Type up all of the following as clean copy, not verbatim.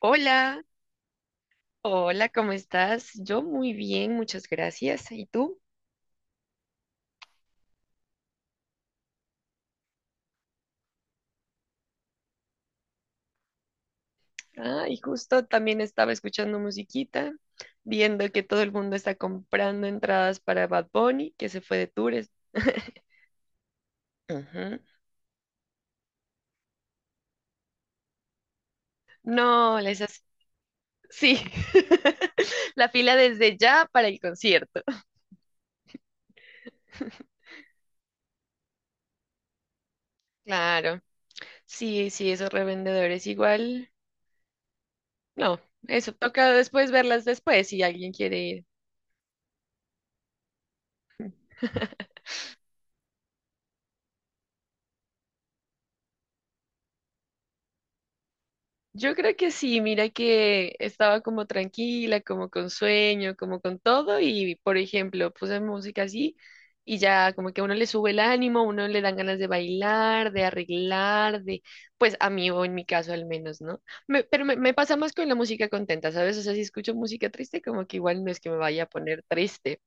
Hola, hola, ¿cómo estás? Yo muy bien, muchas gracias. ¿Y tú? Ah, y justo también estaba escuchando musiquita, viendo que todo el mundo está comprando entradas para Bad Bunny, que se fue de tours. Ujú. No, les hace... Sí, la fila desde ya para el concierto. Claro, sí, sí, esos revendedores igual. No, eso toca después verlas después si alguien quiere ir. Yo creo que sí, mira que estaba como tranquila, como con sueño, como con todo y por ejemplo puse música así y ya como que a uno le sube el ánimo, a uno le dan ganas de bailar, de arreglar, de pues a mí o en mi caso al menos, ¿no? Pero me pasa más con la música contenta, ¿sabes? O sea, si escucho música triste como que igual no es que me vaya a poner triste.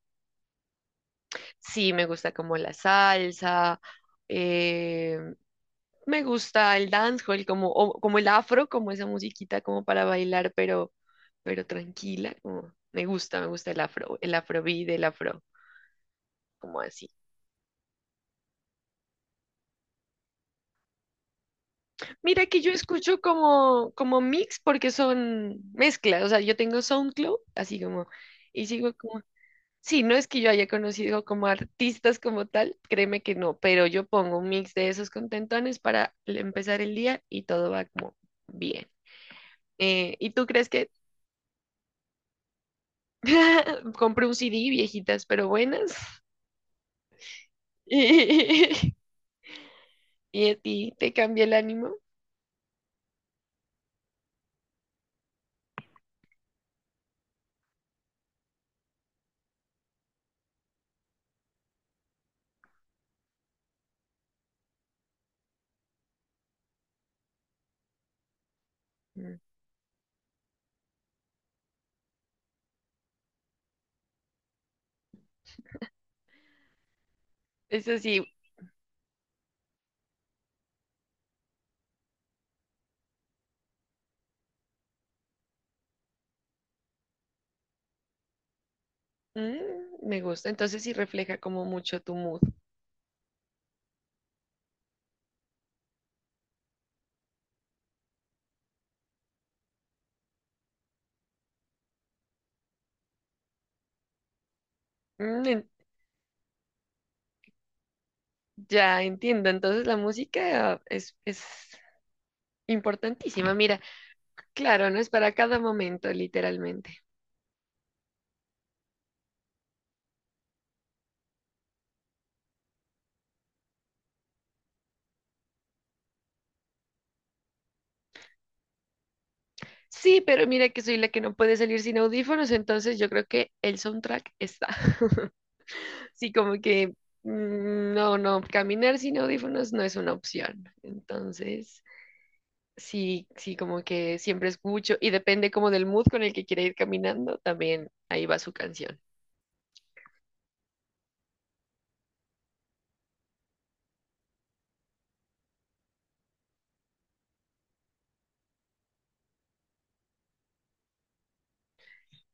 Sí, me gusta como la salsa. eh, Me gusta el dancehall, como, como el afro, como esa musiquita como para bailar, pero tranquila, como me gusta el afro, el afrobeat, el afro, como así. Mira que yo escucho como, como mix porque son mezclas, o sea, yo tengo SoundCloud, así como, y sigo como, sí, no es que yo haya conocido como artistas como tal, créeme que no, pero yo pongo un mix de esos contentones para empezar el día y todo va como bien. ¿Y tú crees que compré un CD, viejitas, pero buenas. Y, a ti te cambia el ánimo. Mm. Eso sí, mm, me gusta. Entonces sí refleja como mucho tu mood. Mm, en- ya entiendo. Entonces la música es importantísima. Mira, claro, no es para cada momento, literalmente. Sí, pero mira que soy la que no puede salir sin audífonos, entonces yo creo que el soundtrack está. Sí, como que mm, no, no, caminar sin audífonos no es una opción. Entonces, sí, sí, como que siempre escucho y depende como del mood con el que quiera ir caminando, también ahí va su canción.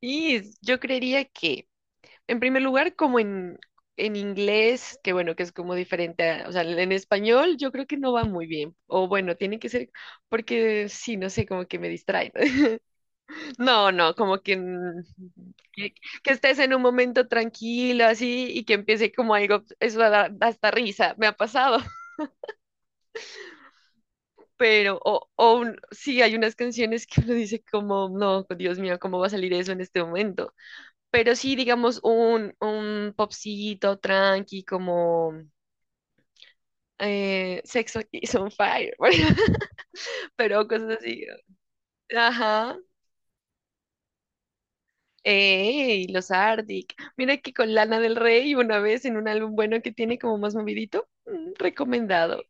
Yo creería que, en primer lugar, como en inglés, que bueno, que es como diferente, o sea, en español yo creo que no va muy bien. O bueno, tiene que ser, porque sí, no sé, como que me distrae. No, no, como que, mm, que, que estés en un momento tranquilo así y que empiece como algo, eso da hasta risa, me ha pasado, pero sí, hay unas canciones que uno dice como, no, Dios mío, ¿cómo va a salir eso en este momento? Pero sí, digamos, un popcito tranqui como Sex is on Fire, por ejemplo, pero cosas así, ajá. ¡Ey! Los Arctic. Mira que con Lana del Rey una vez en un álbum bueno que tiene como más movidito. Mm, recomendado.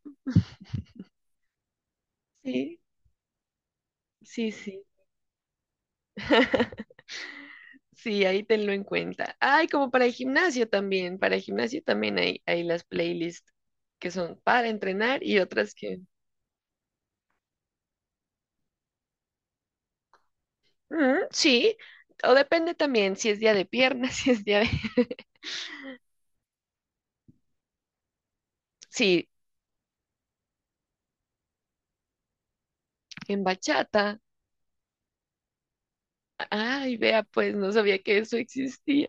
Sí, sí, sí. Sí, ahí tenlo en cuenta. Ay, como para el gimnasio también. Para el gimnasio también hay las playlists que son para entrenar y otras que... Mm, sí, o depende también si es día de piernas, si es día de... Sí, en bachata. Ay, vea, pues no sabía que eso existía.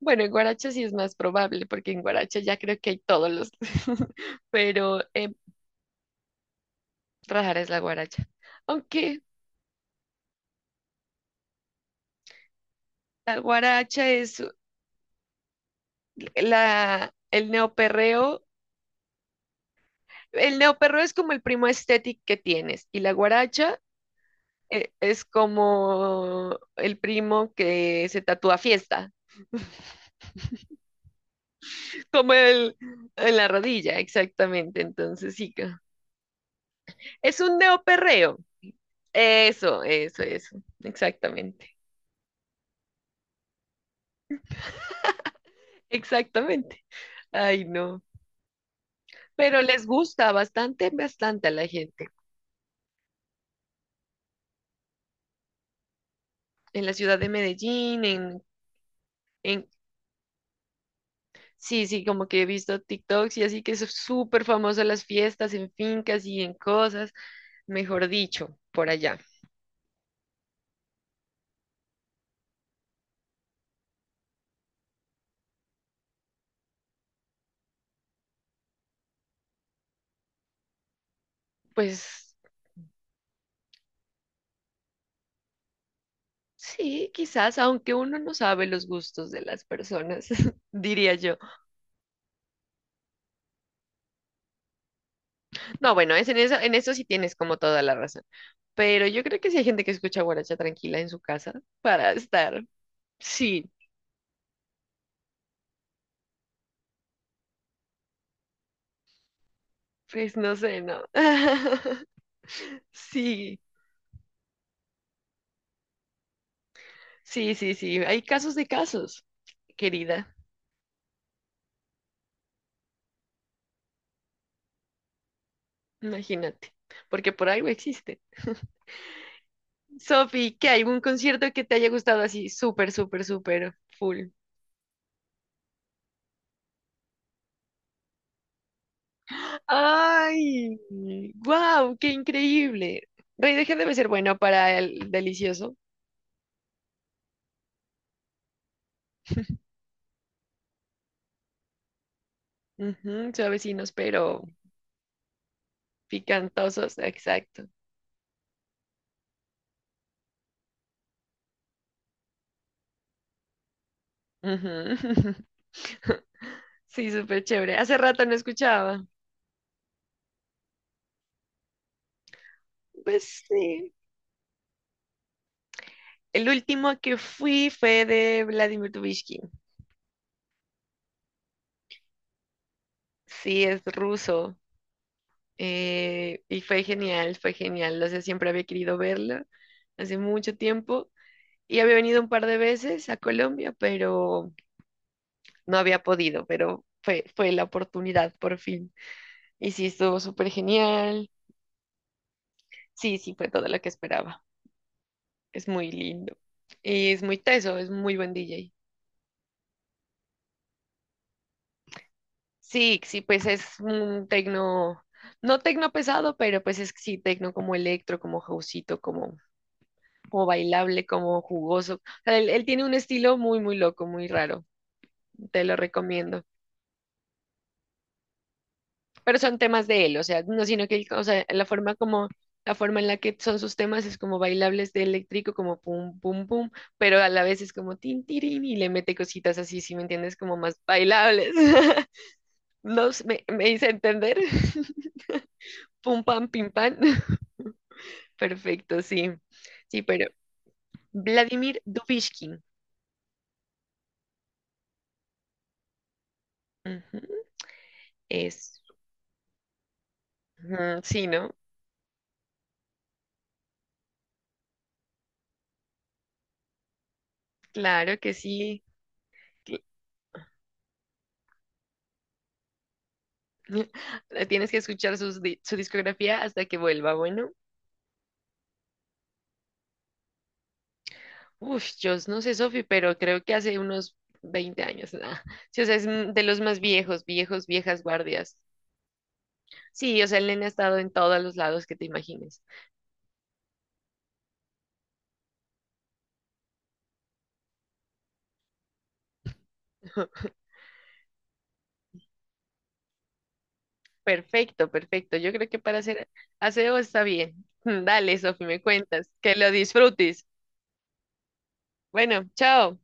Bueno, en Guaracha sí es más probable, porque en Guaracha ya creo que hay todos los, pero rara es la Guaracha. Aunque la Guaracha es la, el neoperreo, el neoperreo es como el primo estético que tienes, y la Guaracha es como el primo que se tatúa fiesta, como el en la rodilla, exactamente. Entonces sí, es un neoperreo. Eso, exactamente. Exactamente. Ay, no. Pero les gusta bastante, bastante a la gente. En la ciudad de Medellín, en, sí, sí, como que he visto TikToks y así que es súper famoso las fiestas en fincas y en cosas, mejor dicho, por allá. Pues sí, quizás, aunque uno no sabe los gustos de las personas, diría yo. No, bueno, es en eso sí tienes como toda la razón. Pero yo creo que sí hay gente que escucha guaracha tranquila en su casa para estar. Sí, pues no sé, ¿no? Sí, sí, sí, sí. Hay casos de casos, querida. Imagínate. Porque por algo existe. Sofi, ¿qué hay? ¿Un concierto que te haya gustado así? Súper, súper, súper full. ¡Ay! ¡Wow! ¡Qué increíble! Rey de Gen debe ser bueno para el delicioso. Ujú, suavecinos, pero picantosos. Exacto. Ujú. Sí, súper chévere. Hace rato no escuchaba. Pues sí. El último que fui fue de Vladimir Dubishkin. Sí, es ruso. Y fue genial, fue genial. O sea, siempre había querido verlo hace mucho tiempo. Y había venido un par de veces a Colombia, pero no había podido. Pero fue la oportunidad por fin. Y sí, estuvo súper genial. Sí, sí, fue todo lo que esperaba. Es muy lindo. Y es muy teso, es muy buen DJ. Sí, sí, pues es un tecno, no tecno pesado, pero pues es sí tecno como electro, como houseito, como, como bailable, como jugoso. O sea, él tiene un estilo muy, muy loco, muy raro. Te lo recomiendo. Pero son temas de él, o sea, no sino que él, o sea, la forma en la que son sus temas es como bailables de eléctrico, como pum, pum, pum, pero a la vez es como tin, tirín y le mete cositas así, ¿si me entiendes? Como más bailables. No sé, me hice entender. Pum, pam, pim, pam. Perfecto, sí. Sí, pero Vladimir Dubishkin. Ujú. Es. Ujú, sí, ¿no? Claro que sí. cl- Tienes que escuchar sus su discografía hasta que vuelva. Bueno, uf, yo no sé, Sofi, pero creo que hace unos 20 años. Nah. Sí, o sea, es mm, de los más viejos, viejos, viejas guardias. Sí, o sea, el nene ha estado en todos los lados que te imagines. Perfecto, perfecto. Yo creo que para hacer aseo está bien. Dale, Sofi, me cuentas. Que lo disfrutes. Bueno, chao.